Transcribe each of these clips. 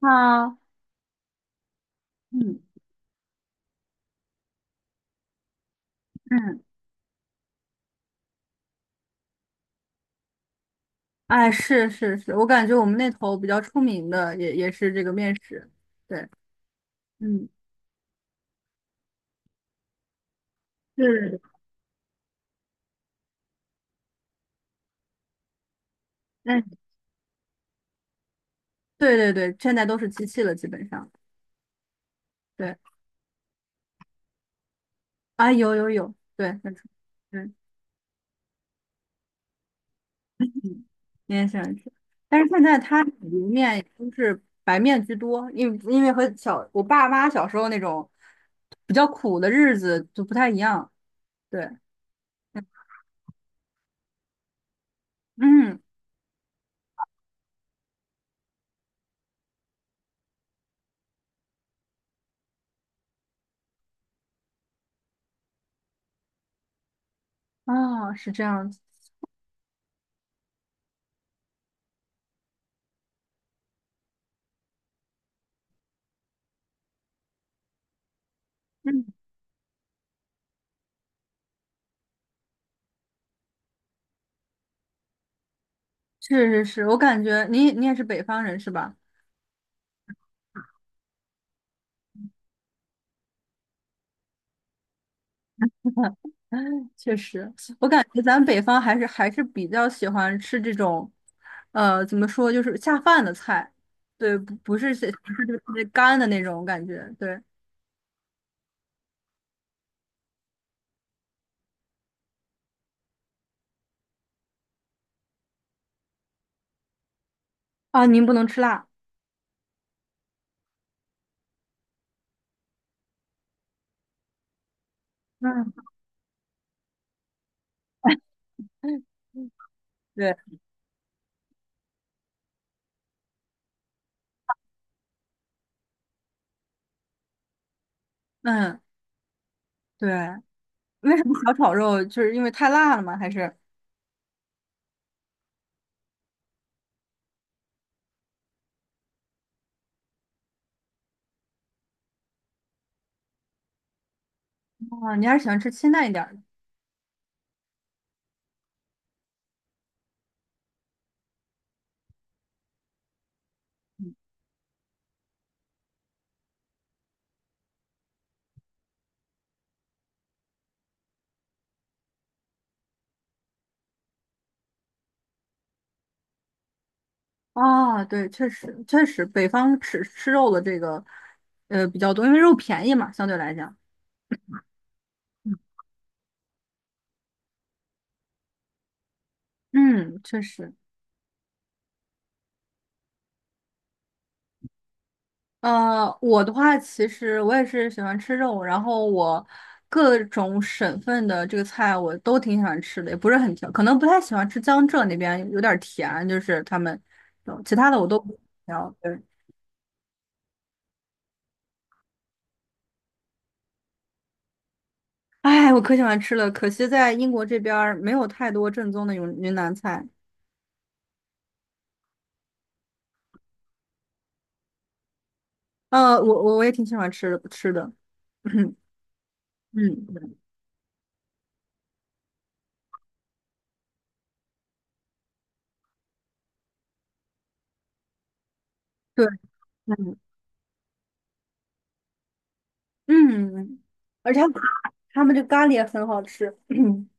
啊，嗯嗯，哎，是是是，我感觉我们那头比较出名的也是这个面食，对，嗯，是，哎，对对对，现在都是机器了，基本上，对，啊，有有有，对，对，嗯，你也喜欢吃，但是现在它里面也都是白面居多，因为我爸妈小时候那种比较苦的日子就不太一样，对，嗯，哦，是这样子。嗯。是是是，我感觉你也是北方人是吧？确实，我感觉咱北方还是比较喜欢吃这种，怎么说，就是下饭的菜，对，不是不是就是特别干的那种感觉，对啊，您不能吃辣，嗯，对，嗯，对，为什么小炒肉就是因为太辣了吗？还是啊，你还是喜欢吃清淡一点儿的啊？对，确实确实，北方吃肉的这个比较多，因为肉便宜嘛，相对来讲。嗯，确实，我的话，其实我也是喜欢吃肉，然后我各种省份的这个菜我都挺喜欢吃的，也不是很挑，可能不太喜欢吃江浙那边有点儿甜，就是他们，其他的我都不挑。对，哎，我可喜欢吃了，可惜在英国这边儿没有太多正宗的云南菜。我也挺喜欢吃的，嗯，对，嗯嗯，嗯嗯而且他们这咖喱也很好吃。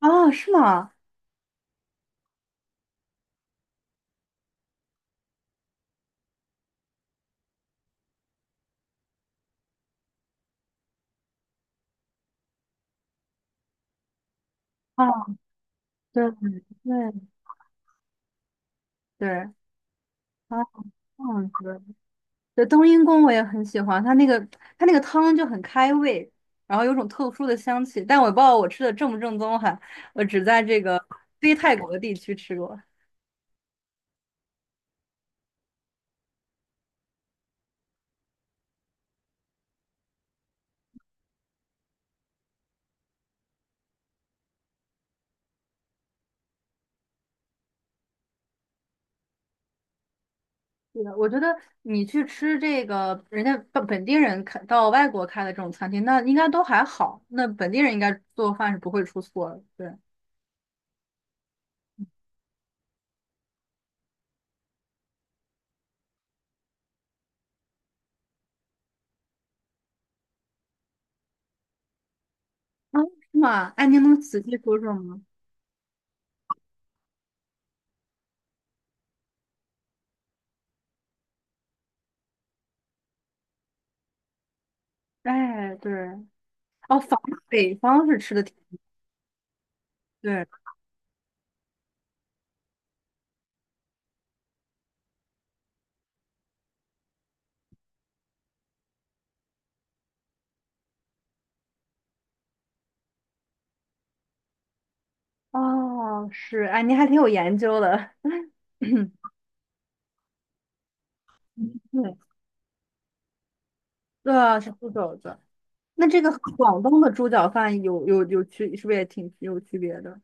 啊，是吗？哦，对对对，啊，这样子，对，冬阴功我也很喜欢，它那个汤就很开胃，然后有种特殊的香气，但我不知道我吃的正不正宗哈，我只在这个非泰国的地区吃过。对的，我觉得你去吃这个人家本地人开到外国开的这种餐厅，那应该都还好，那本地人应该做饭是不会出错的，对。啊，是吗？哎，您能仔细说说吗？哎，对，哦，北方是吃的挺，对。哦，是，哎，您还挺有研究的。对，对啊，是猪肘子。那这个广东的猪脚饭有有有区，是不是也挺有区别的？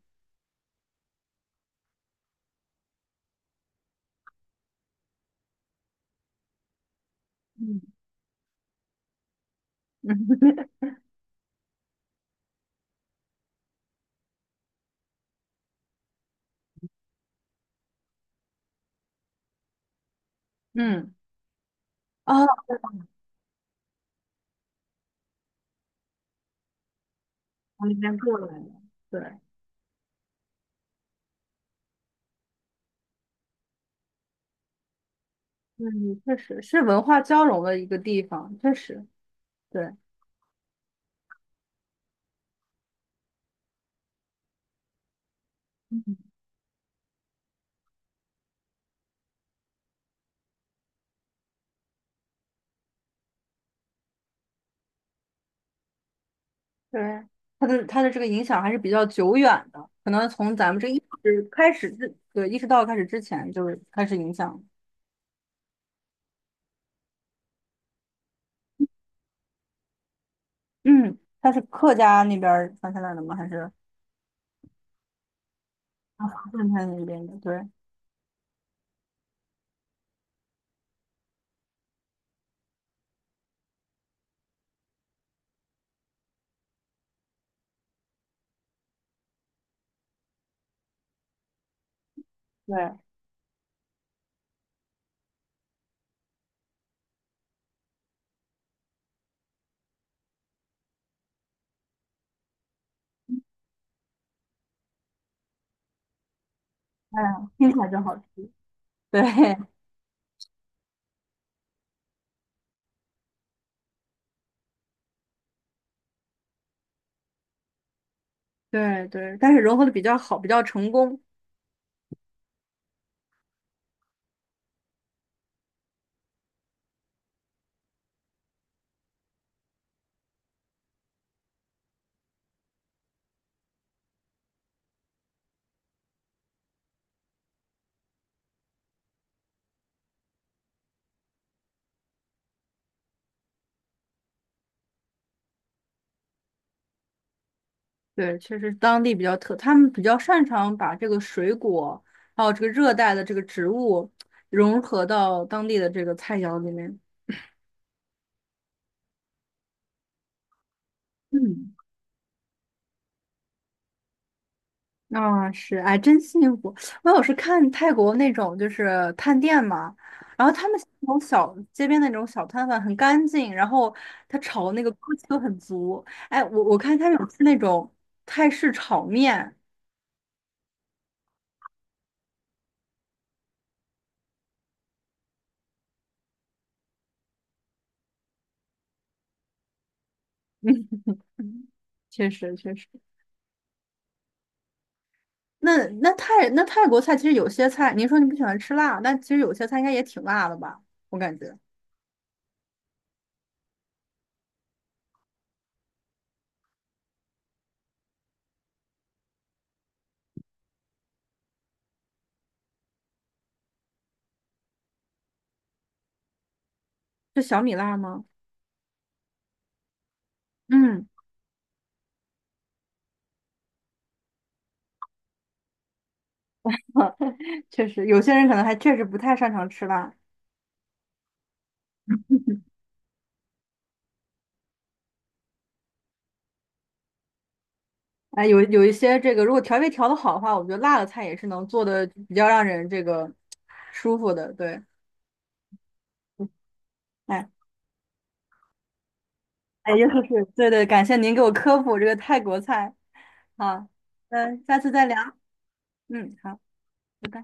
嗯嗯 嗯，哦，从那边过来的，对，嗯，确实是文化交融的一个地方，确实，对，嗯，对，它的这个影响还是比较久远的，可能从咱们这意识开始之，对，意识到开始之前就是开始影响。嗯，它是客家那边儿传下来的吗？还是？炖菜那边的，对对，哎呀，听起来就好吃，对 对对，但是融合的比较好，比较成功，对，确实当地比较特，他们比较擅长把这个水果，还有这个热带的这个植物融合到当地的这个菜肴里面，嗯。啊、是，哎，真幸福！我有时看泰国那种就是探店嘛，然后他们那种小街边的那种小摊贩很干净，然后他炒的那个锅气都很足。哎，我看他有吃那种泰式炒面，嗯，确实确实。那那泰那泰国菜其实有些菜，您说你不喜欢吃辣，但其实有些菜应该也挺辣的吧？我感觉，就小米辣吗？嗯，确实，有些人可能还确实不太擅长吃辣。哎，有一些这个，如果调味调的好的话，我觉得辣的菜也是能做的比较让人这个舒服的。对，哎哎，又是对对，感谢您给我科普这个泰国菜啊。嗯，下次再聊。嗯，好，拜拜。